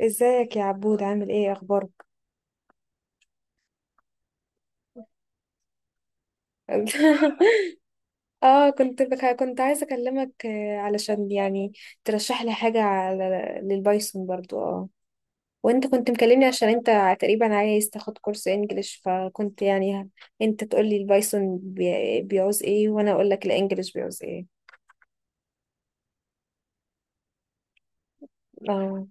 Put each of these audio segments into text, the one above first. ازيك يا عبود عامل ايه اخبارك؟ كنت عايزه اكلمك علشان يعني ترشح لي حاجه للبايثون برضو. اه، وانت كنت مكلمني عشان انت تقريبا عايز تاخد كورس انجليش، فكنت يعني انت تقول لي البايثون بيعوز ايه وانا اقول لك الانجليش بيعوز ايه. اه.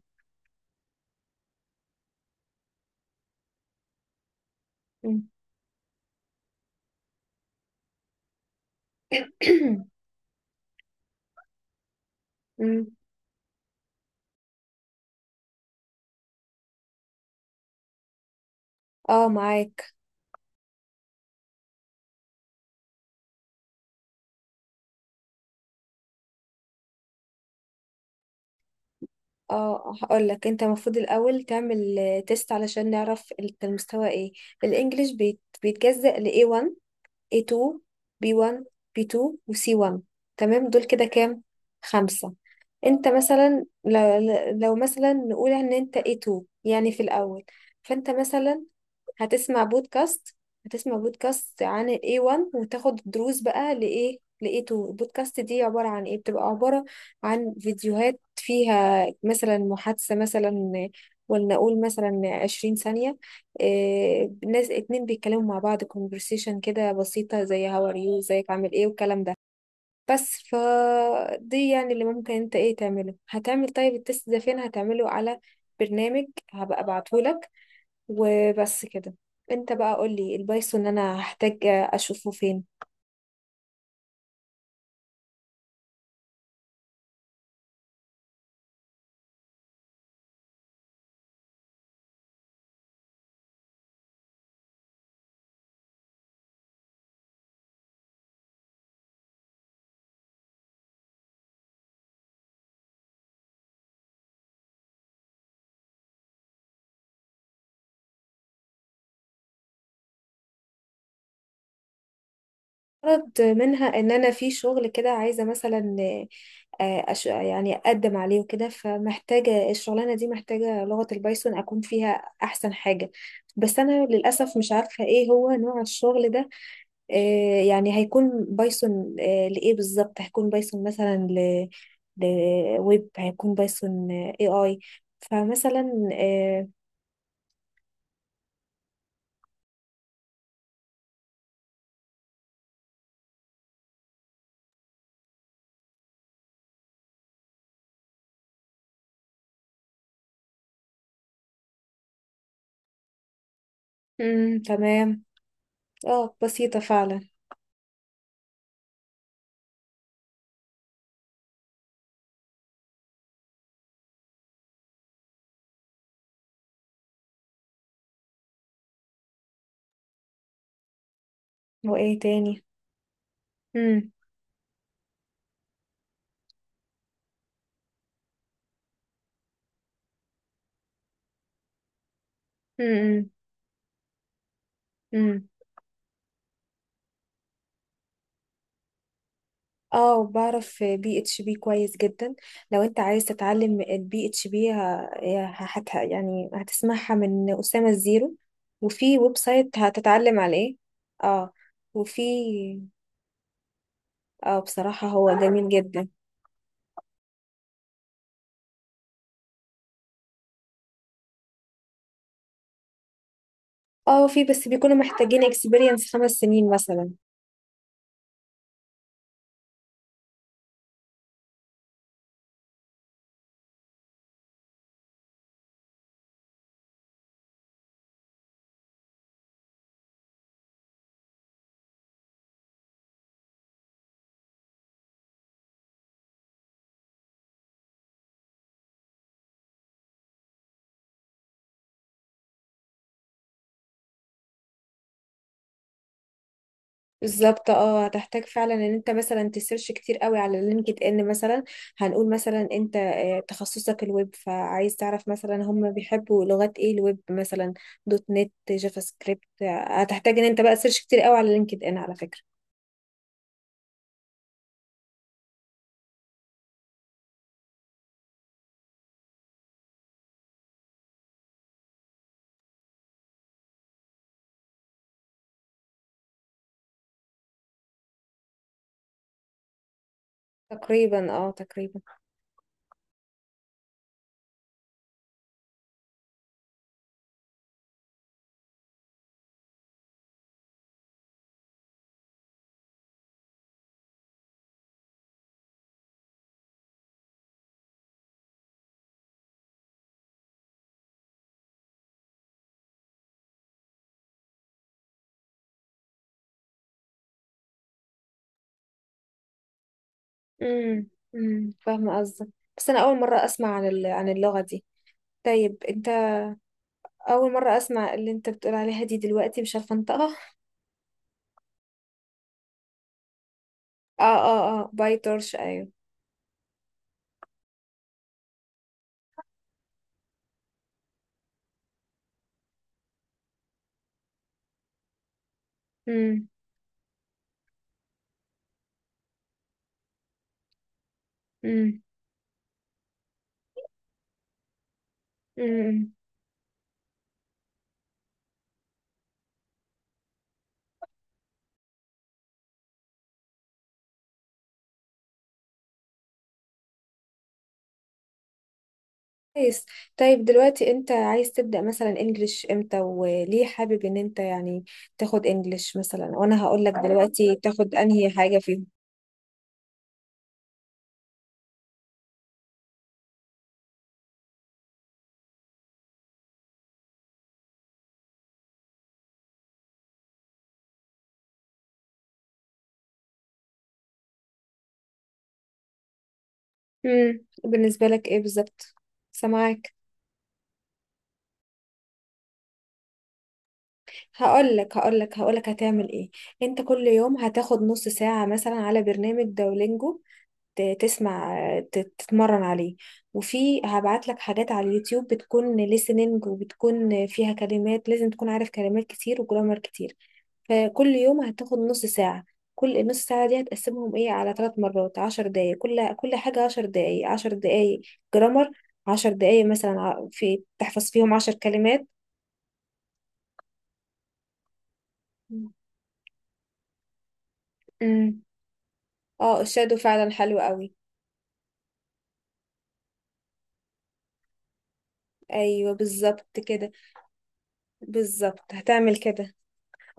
م. م. اه معاك. اه هقول لك، انت المفروض الاول تعمل تيست علشان نعرف انت المستوى ايه. الانجليش بيتجزأ ل A1، A2، B1، B2، و C1. تمام، دول كده كام؟ خمسة. انت مثلا لو, لو مثلا نقول ان انت A2 يعني في الاول، فانت مثلا هتسمع بودكاست. هتسمع بودكاست عن ال A1 وتاخد دروس بقى لإيه؟ ل A2. البودكاست دي عبارة عن إيه؟ بتبقى عبارة عن فيديوهات فيها مثلا محادثة، مثلا ولنقول مثلا 20 ثانية، إيه ناس اتنين بيتكلموا مع بعض conversation كده بسيطة زي how are you، ازيك عامل ايه والكلام ده. بس فدي يعني اللي ممكن انت ايه تعمله. هتعمل طيب التست ده فين؟ هتعمله على برنامج هبقى ابعتهولك، وبس كده. انت بقى قولي البايثون انا هحتاج اشوفه فين. غرض منها ان انا في شغل كده عايزة مثلا يعني اقدم عليه وكده، فمحتاجة الشغلانة دي، محتاجة لغة البايثون اكون فيها احسن حاجة. بس انا للاسف مش عارفة ايه هو نوع الشغل ده. يعني هيكون بايثون لايه بالظبط؟ هيكون بايثون مثلا لويب، هيكون بايثون اي اي؟ فمثلا مم، تمام. اه بسيطة فعلا. وايه تاني؟ امم. امم. امم. اه بعرف بي اتش بي كويس جدا. لو انت عايز تتعلم البي اتش بي، يعني هتسمعها من أسامة الزيرو، وفي ويب سايت هتتعلم عليه. اه. وفي. اه بصراحة هو جميل جدا. اه في، بس بيكونوا محتاجين اكسبيرينس 5 سنين مثلا. بالظبط، اه هتحتاج فعلا ان انت مثلا تسيرش كتير قوي على لينكد ان مثلا. هنقول مثلا انت تخصصك الويب، فعايز تعرف مثلا هم بيحبوا لغات ايه الويب مثلا، دوت نت، جافا سكريبت. هتحتاج ان انت بقى تسيرش كتير قوي على لينكد ان على فكرة. تقريبا، اه تقريبا. امم. امم، فاهمة قصدك. بس انا اول مرة اسمع عن عن اللغة دي. طيب انت، اول مرة اسمع اللي انت بتقول عليها دي، دلوقتي مش عارفة انطقها. اه، باي تورش، ايوه. امم. امم. كويس. طيب دلوقتي انت عايز تبدأ مثلا انجليش امتى، وليه حابب ان انت يعني تاخد انجليش مثلا؟ وانا هقول لك دلوقتي تاخد انهي حاجة فيهم. امم، بالنسبة لك ايه بالظبط؟ سامعاك. هقول لك هتعمل ايه. انت كل يوم هتاخد نص ساعة مثلا على برنامج دولينجو، تسمع، تتمرن عليه. وفي هبعت لك حاجات على اليوتيوب، بتكون listening وبتكون فيها كلمات، لازم تكون عارف كلمات كتير وجرامر كتير. فكل يوم هتاخد نص ساعة، كل النص ساعة دي هتقسمهم ايه؟ على 3 مرات 10 دقايق، كل حاجة 10 دقايق، 10 دقايق جرامر، 10 دقايق مثلا في تحفظ فيهم 10 كلمات. امم. اه الشادو فعلا حلو قوي. ايوه بالظبط كده، بالظبط هتعمل كده.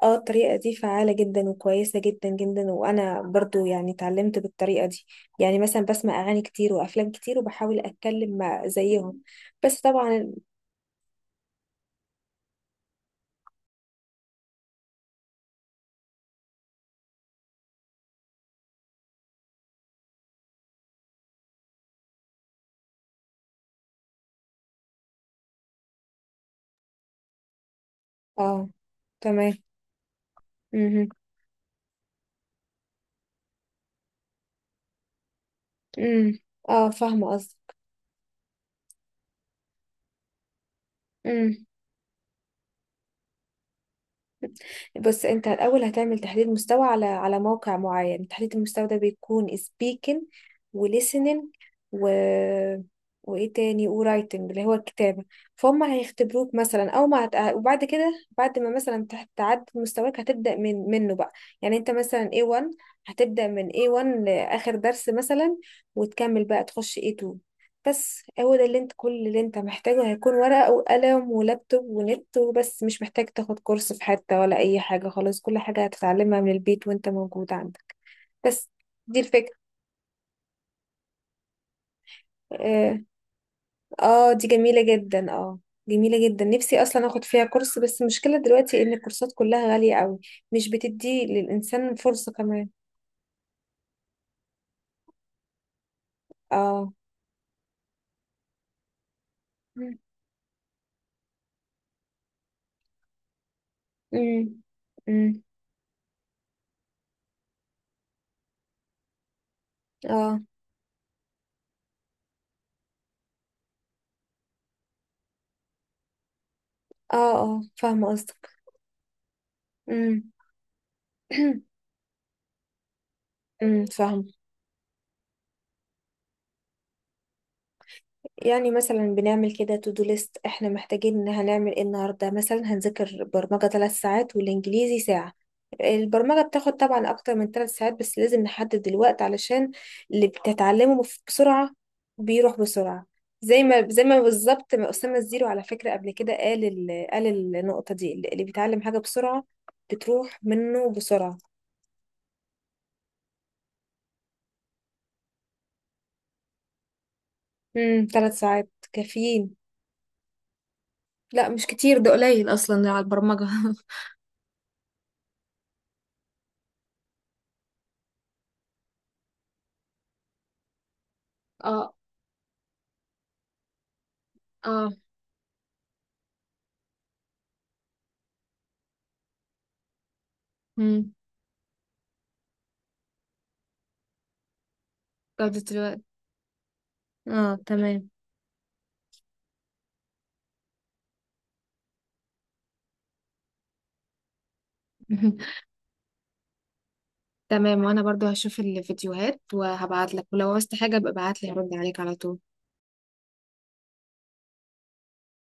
اه الطريقه دي فعاله جدا وكويسه جدا جدا، وانا برضو يعني اتعلمت بالطريقه دي. يعني مثلا بسمع اغاني كتير وافلام كتير وبحاول اتكلم مع زيهم، بس طبعا. اه تمام. مهم. مم. اه فاهمة قصدك. مم. بس انت الاول هتعمل تحليل مستوى على على موقع معين. تحليل المستوى ده بيكون speaking و listening و، وايه تاني، و writing اللي هو الكتابة. فهم هيختبروك مثلا او ما هت... وبعد كده، بعد ما مثلا تعدي مستواك هتبدأ من منه بقى. يعني انت مثلا A1، هتبدأ من A1 لآخر درس مثلا، وتكمل بقى تخش A2. بس هو ده اللي انت، كل اللي انت محتاجه هيكون ورقة وقلم ولابتوب ونت وبس. مش محتاج تاخد كورس في حتة ولا أي حاجة خلاص، كل حاجة هتتعلمها من البيت وانت موجود عندك. بس دي الفكرة. اه, آه دي جميلة جدا. اه جميلة جدا، نفسي أصلا أخد فيها كورس، بس المشكلة دلوقتي إن الكورسات كلها غالية قوي، مش بتدي للإنسان فرصة كمان. اه. مم. مم. مم. اه اه، فاهمة قصدك. امم. يعني مثلا بنعمل كده تو دو ليست، احنا محتاجين ان هنعمل ايه النهارده؟ مثلا هنذاكر برمجة 3 ساعات والانجليزي ساعة. البرمجة بتاخد طبعا اكتر من 3 ساعات، بس لازم نحدد الوقت علشان اللي بسرعة بيروح بسرعة. زي ما بالظبط ما أسامة الزيرو على فكرة قبل كده قال النقطة دي، اللي بيتعلم حاجة بسرعة بتروح منه بسرعة. امم، 3 ساعات كافيين. لا مش كتير، ده قليل اصلا على البرمجة. اه. اه. مم. جودة الوقت. اه تمام. تمام، وانا برضو هشوف الفيديوهات وهبعت لك، ولو عوزت حاجة ابقى ابعت لي هرد عليك على طول.